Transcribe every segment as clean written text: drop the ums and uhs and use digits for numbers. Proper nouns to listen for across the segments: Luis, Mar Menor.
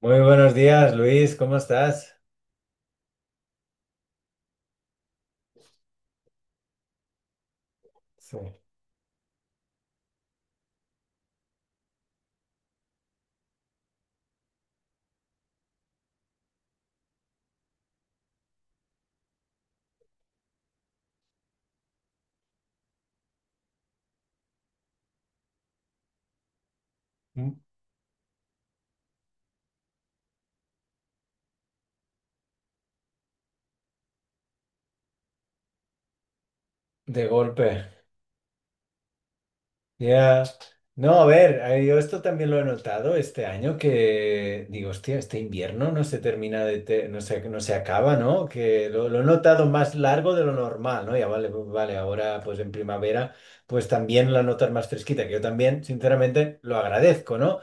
Muy buenos días, Luis, ¿cómo estás? Sí. Mm. De golpe. Ya. No, a ver, yo esto también lo he notado este año que digo, hostia, este invierno no se termina no se acaba, ¿no? Que lo he notado más largo de lo normal, ¿no? Ya vale, pues vale, ahora pues en primavera pues también la notas más fresquita, que yo también, sinceramente, lo agradezco, ¿no?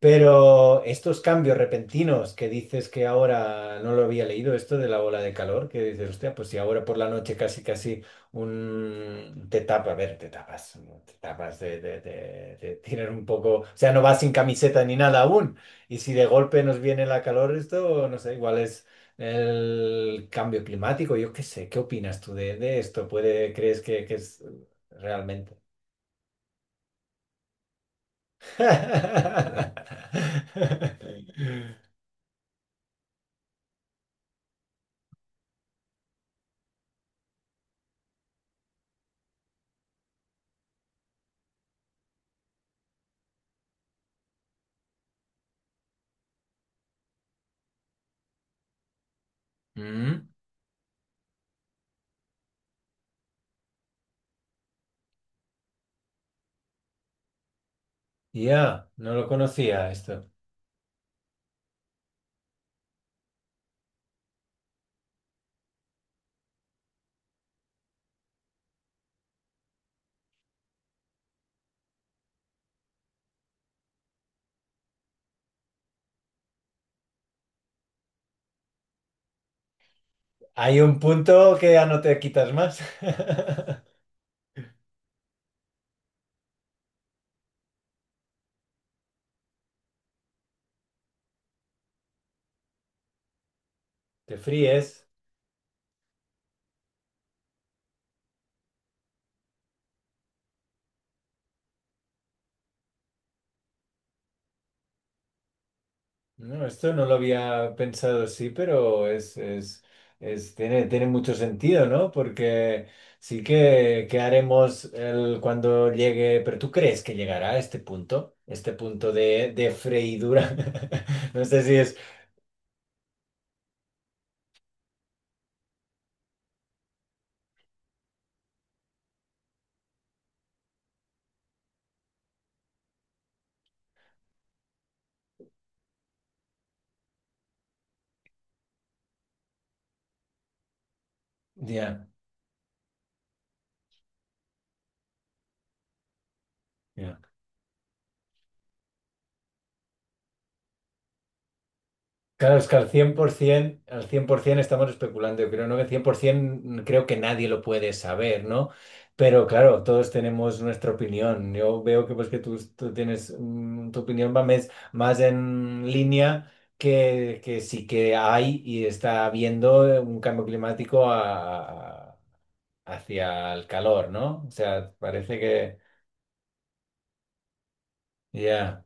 Pero estos cambios repentinos que dices que ahora no lo había leído, esto de la ola de calor, que dices, hostia, pues si ahora por la noche casi casi un te tapa, a ver, te tapas de tirar un poco, o sea, no vas sin camiseta ni nada aún. Y si de golpe nos viene la calor, esto, no sé, igual es el cambio climático, yo qué sé, ¿qué opinas tú de esto? ¿Puede, crees que es realmente? Mm. Ya, no lo conocía esto. Hay un punto que ya no te quitas más. Te fríes. No, esto no lo había pensado así, pero tiene, tiene mucho sentido, ¿no? Porque sí que haremos el, cuando llegue, pero ¿tú crees que llegará a este punto? Este punto de freidura. No sé si es... Ya, ya. Claro, es que al 100%, al 100% estamos especulando, yo creo, ¿no? Que 100% creo que nadie lo puede saber, ¿no? Pero claro, todos tenemos nuestra opinión. Yo veo que pues que tú tienes, mm, tu opinión va mes- más, en línea que sí que hay y está habiendo un cambio climático a- hacia el calor, ¿no? O sea, parece que ya,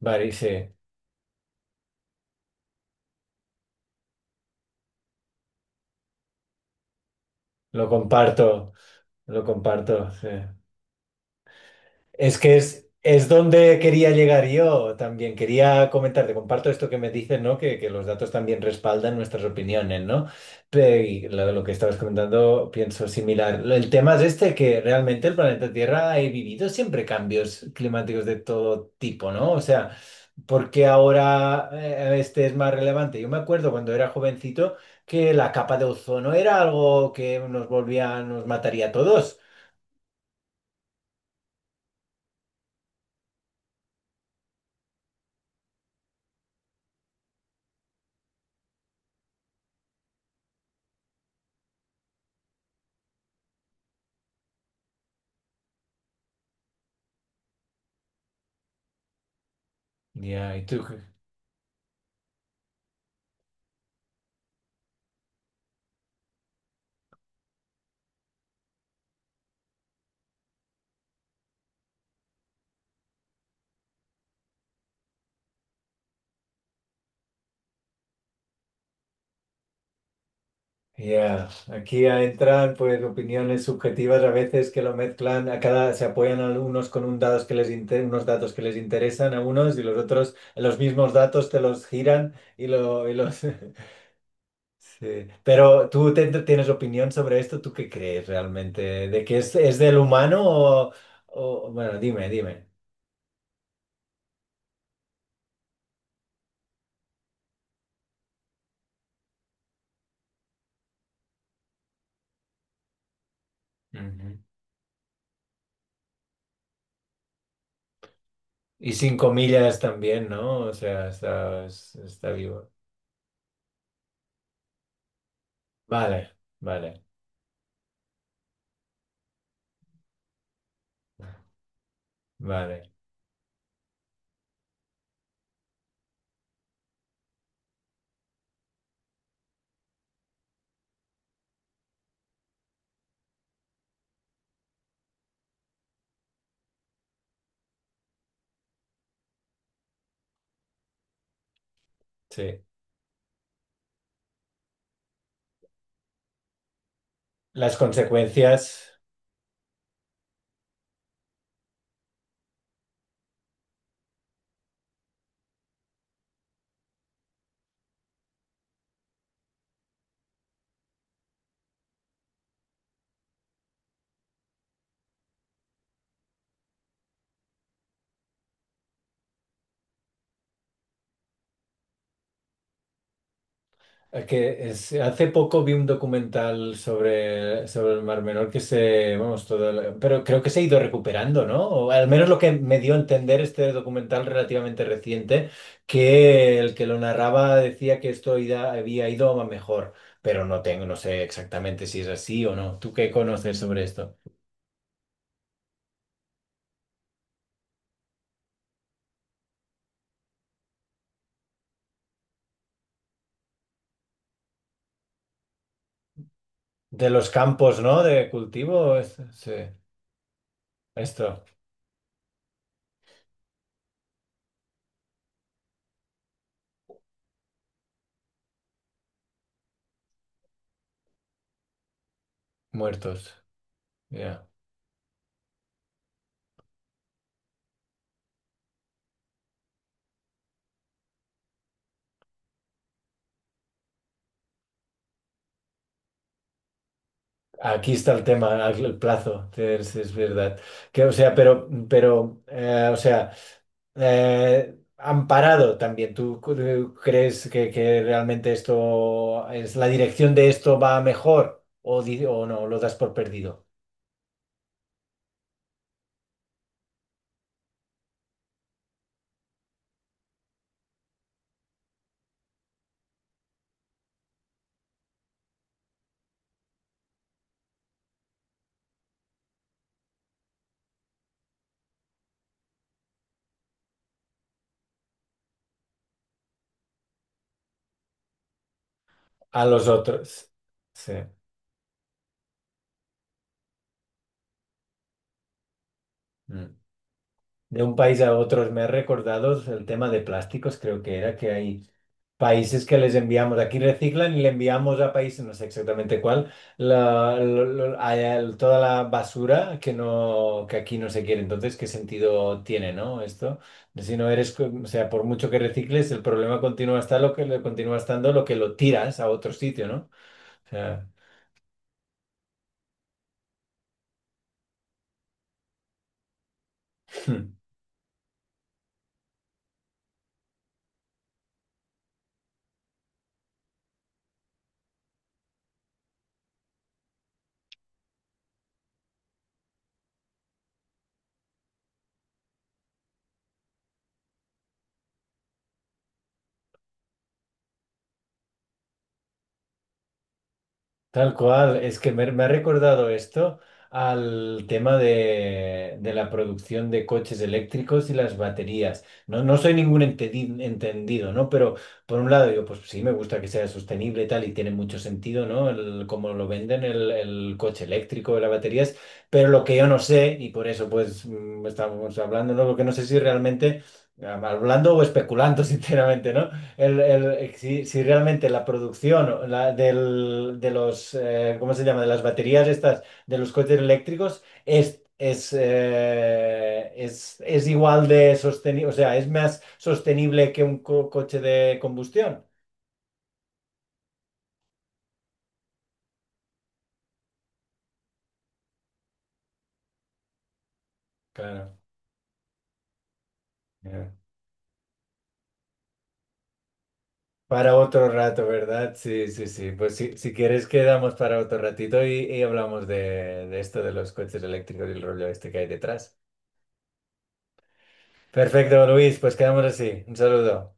vale, sí, lo comparto, lo comparto, sí. Es que es donde quería llegar yo. También quería comentarte, comparto esto que me dices, ¿no? Que los datos también respaldan nuestras opiniones, ¿no? Pe- y lo que estabas comentando, pienso similar. Lo- El tema es este, que realmente el planeta Tierra ha vivido siempre cambios climáticos de todo tipo, ¿no? O sea, porque ahora este es más relevante? Yo me acuerdo cuando era jovencito que la capa de ozono era algo que nos volvía, nos mataría a todos. Ya, ¿y tú? Ya, aquí ya entran pues opiniones subjetivas a veces que lo mezclan, a cada se apoyan a unos con un datos que les inte- unos datos que les interesan a unos y los otros los mismos datos te los giran y lo y los Sí. Pero tú te- tienes opinión sobre esto, ¿tú qué crees realmente? ¿De que es del humano o- bueno, dime, dime. Ujú. Y cinco millas también, ¿no? O sea, está vivo. Vale, vale, vale. Sí. Las consecuencias, que es- hace poco vi un documental sobre el Mar Menor que se, vamos, todo, el- pero creo que se ha ido recuperando, ¿no? O al menos lo que me dio a entender este documental relativamente reciente, que el que lo narraba decía que esto ida- había ido a mejor, pero no tengo, no sé exactamente si es así o no. ¿Tú qué conoces sobre esto? De los campos, ¿no? De cultivo, es- sí, esto, muertos. Ya. Aquí está el tema, el plazo, es verdad. O sea, pero o sea, han parado también. ¿Tú cre- crees que realmente esto es la dirección de esto va a mejor o, di- o no? Lo das por perdido a los otros. Sí. Mm. De un país a otros me he recordado el tema de plásticos, creo que era que hay. Países que les enviamos, aquí reciclan y le enviamos a países, no sé exactamente cuál, toda la basura que no, que aquí no se quiere. Entonces, ¿qué sentido tiene, no? Esto, si no eres, co- o sea, por mucho que recicles, el problema continúa está lo que continúa estando lo que lo tiras a otro sitio, ¿no? O sea, Tal cual, es que me ha recordado esto al tema de la producción de coches eléctricos y las baterías. No, no soy ningún entedi- entendido, ¿no? Pero por un lado digo, pues sí, me gusta que sea sostenible y tal, y tiene mucho sentido, ¿no? El, cómo lo venden el coche eléctrico, las baterías, pero lo que yo no sé, y por eso pues mm, estamos hablando, ¿no? Porque no sé si realmente, ah, hablando o especulando, sinceramente, ¿no? Si, si realmente la producción o la- del- de los, ¿cómo se llama? De las baterías estas, de los coches eléctricos, es igual de sostenible, o sea, es más sostenible que un co- coche de combustión. Claro. Ya. Para otro rato, ¿verdad? Sí, sí, sí. Pues si, si quieres quedamos para otro ratito y hablamos de esto de los coches eléctricos y el rollo este que hay detrás. Perfecto, Luis, pues quedamos así. Un saludo.